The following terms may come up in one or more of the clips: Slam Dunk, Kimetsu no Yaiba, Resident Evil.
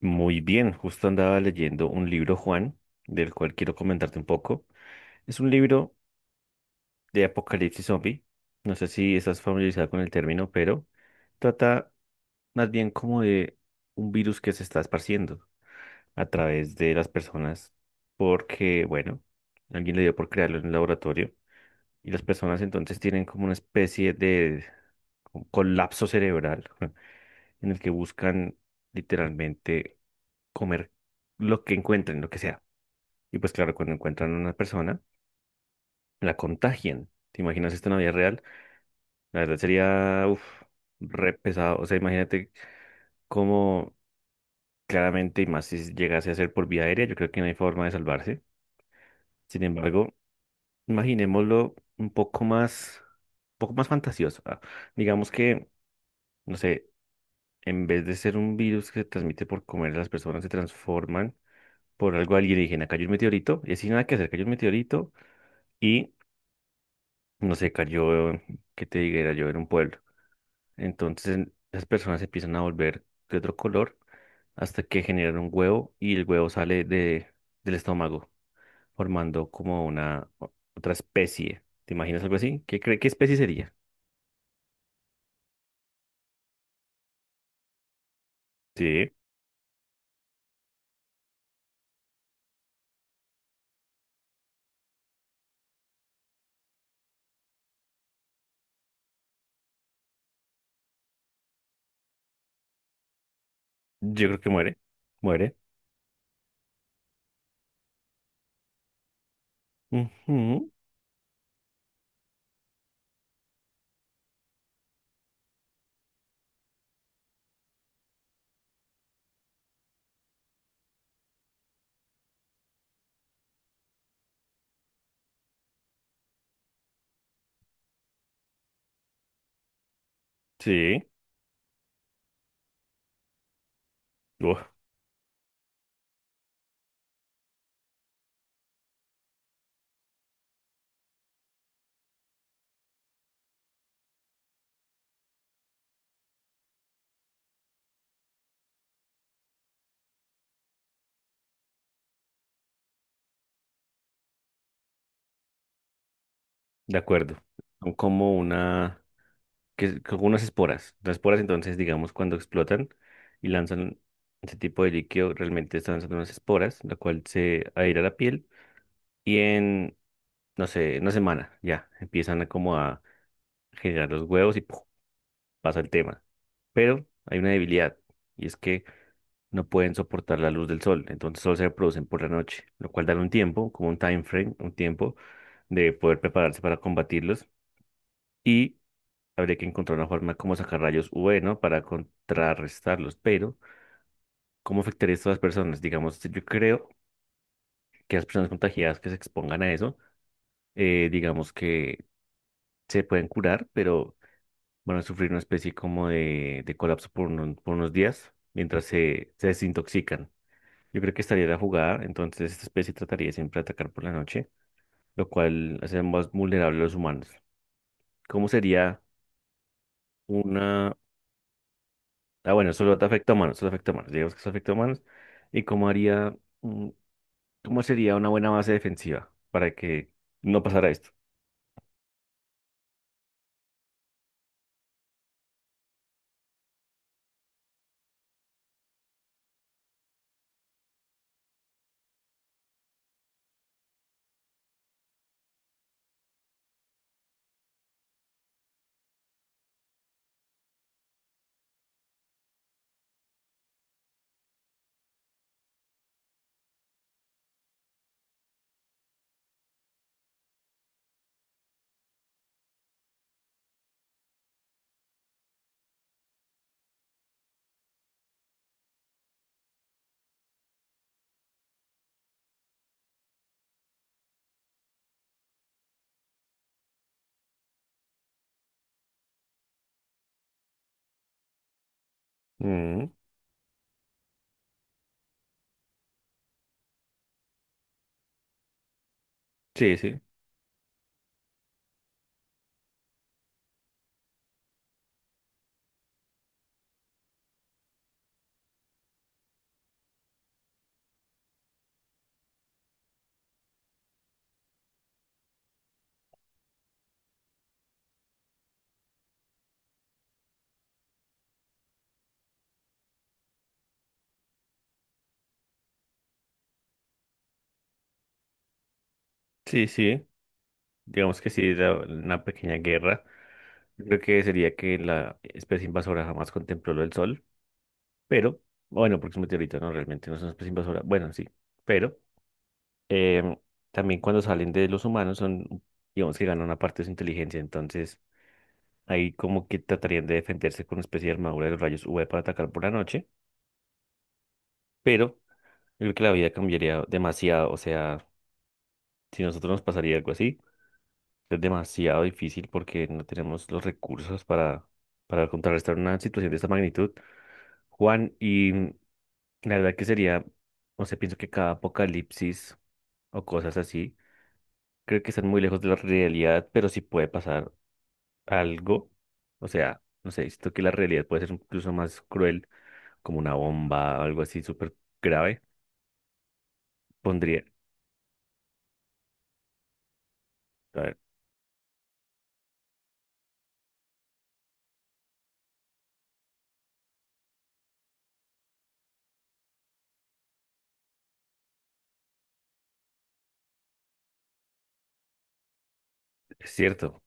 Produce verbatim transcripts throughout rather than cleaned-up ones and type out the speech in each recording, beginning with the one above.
Muy bien, justo andaba leyendo un libro, Juan, del cual quiero comentarte un poco. Es un libro de apocalipsis zombie. No sé si estás familiarizado con el término, pero trata más bien como de un virus que se está esparciendo a través de las personas porque, bueno, alguien le dio por crearlo en un laboratorio y las personas entonces tienen como una especie de colapso cerebral en el que buscan literalmente comer lo que encuentren, lo que sea. Y pues claro, cuando encuentran a una persona, la contagian. ¿Te imaginas esto en la vida real? La verdad sería, uff, re pesado. O sea, imagínate cómo claramente, y más si llegase a ser por vía aérea, yo creo que no hay forma de salvarse. Sin embargo, imaginémoslo un poco más, un poco más fantasioso. ah. Digamos que, no sé, en vez de ser un virus que se transmite por comer, las personas se transforman por algo alienígena. Cayó un meteorito y así nada que hacer, cayó un meteorito. Y no sé, cayó, que te diga, era yo era un pueblo. Entonces las personas se empiezan a volver de otro color hasta que generan un huevo y el huevo sale de, del estómago, formando como una o- otra especie. ¿Te imaginas algo así? ¿Qué cree, qué especie sería? Sí, yo creo que muere. Muere. Ujú. Sí. Uf, de acuerdo. Son como una... que con unas esporas. Las esporas, entonces, digamos, cuando explotan y lanzan ese tipo de líquido, realmente están lanzando unas esporas, la cual se adhiere a la piel y en, no sé, una semana ya empiezan a como a generar los huevos y ¡puf! Pasa el tema. Pero hay una debilidad y es que no pueden soportar la luz del sol, entonces solo se reproducen por la noche, lo cual dan un tiempo, como un time frame, un tiempo de poder prepararse para combatirlos. Y habría que encontrar una forma como sacar rayos U V, ¿no? Para contrarrestarlos. Pero, ¿cómo afectaría esto a las personas? Digamos, yo creo que las personas contagiadas que se expongan a eso, eh, digamos que se pueden curar, pero van a sufrir una especie como de, de colapso por, uno- por unos días mientras se, se desintoxican. Yo creo que estaría la jugada, entonces esta especie trataría siempre de atacar por la noche, lo cual hace más vulnerable a los humanos. ¿Cómo sería? Una Ah, bueno, solo te afecta a humanos, solo afecta a humanos. Digamos que solo afecta a humanos. ¿Y cómo haría, mm, cómo sería una buena base defensiva para que no pasara esto? Mm, sí, sí, sí, sí. Digamos que sí, la- una pequeña guerra. Yo creo que sería que la especie invasora jamás contempló lo del sol, pero, bueno, porque es un meteorito, no, realmente no es una especie invasora. Bueno, sí, pero em, también cuando salen de los humanos son, digamos que ganan una parte de su inteligencia, entonces ahí como que tratarían de defenderse con una especie de armadura de los rayos U V para atacar por la noche, pero yo creo que la vida cambiaría demasiado, o sea, si a nosotros nos pasaría algo así, es demasiado difícil porque no tenemos los recursos para, para contrarrestar una situación de esta magnitud. Juan, y la verdad que sería, no sé, pienso que cada apocalipsis o cosas así, creo que están muy lejos de la realidad, pero sí puede pasar algo, o sea, no sé, siento que la realidad puede ser incluso más cruel como una bomba, algo así súper grave, pondría, a ver, es cierto,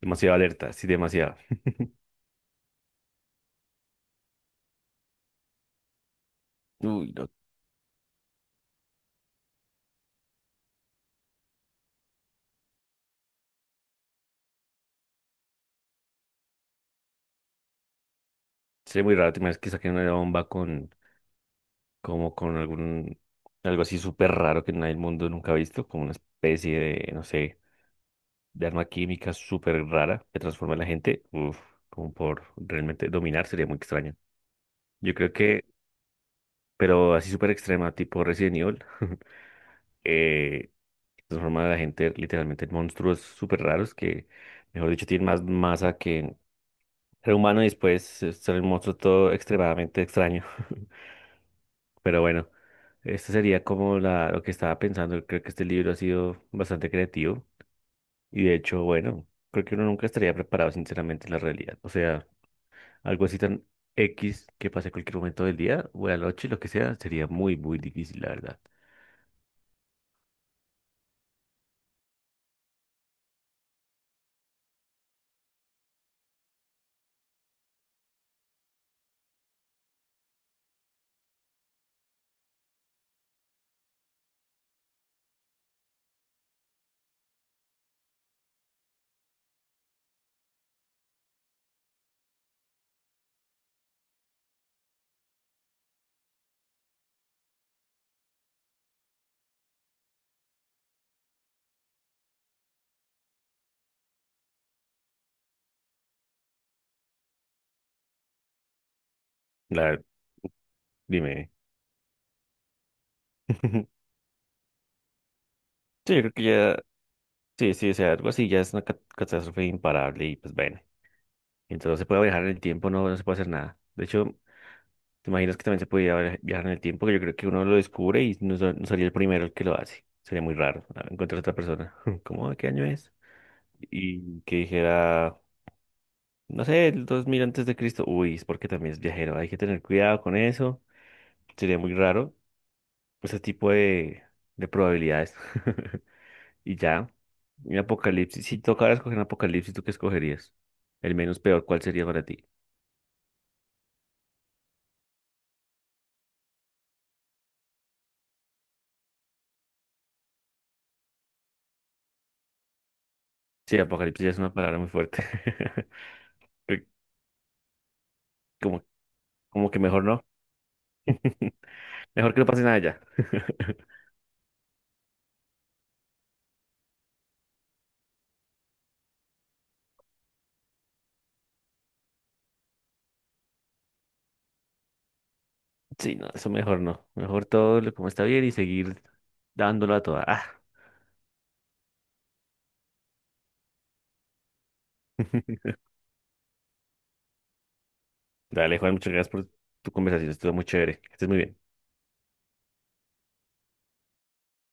demasiado alerta, sí, demasiado. Uy, no, sería muy raro tener que saquen una bomba con, como con algún, algo así súper raro que nadie el mundo nunca ha visto, como una especie de, no sé, de arma química súper rara que transforma a la gente, uf, como por realmente dominar, sería muy extraño. Yo creo que, pero así súper extrema, tipo Resident Evil, eh, transforman a la gente literalmente en monstruos súper raros que, mejor dicho, tienen más masa que ser humano y después eh, son un monstruo todo extremadamente extraño. Pero bueno, esto sería como la, lo que estaba pensando. Creo que este libro ha sido bastante creativo y de hecho, bueno, creo que uno nunca estaría preparado sinceramente en la realidad. O sea, algo así tan X que pase en cualquier momento del día o de la noche, lo que sea, sería muy, muy difícil, la verdad. La, dime. Sí, yo creo que ya. Sí, sí, o sea, algo así ya es una cat- catástrofe imparable y pues bueno, entonces no se puede viajar en el tiempo, no, no se puede hacer nada. De hecho, te imaginas que también se podía via- viajar en el tiempo, que yo creo que uno lo descubre y no, ser- no sería el primero el que lo hace. Sería muy raro ah, encontrar a otra persona. ¿Cómo? ¿De qué año es? Y que dijera, no sé, el dos mil antes de Cristo. Uy, es porque también es viajero, hay que tener cuidado con eso. Sería muy raro ese tipo de, de probabilidades. Y ya, un apocalipsis. Si tocara escoger un apocalipsis, ¿tú qué escogerías? El menos peor, ¿cuál sería para ti? Sí, apocalipsis ya es una palabra muy fuerte. Que- Como, como que mejor no. Mejor que no pase nada ya. Sí, no, eso mejor no. Mejor todo lo como está bien y seguir dándolo a toda. Ah. Dale, Juan, muchas gracias por tu conversación. Estuvo muy chévere. Que estés muy bien.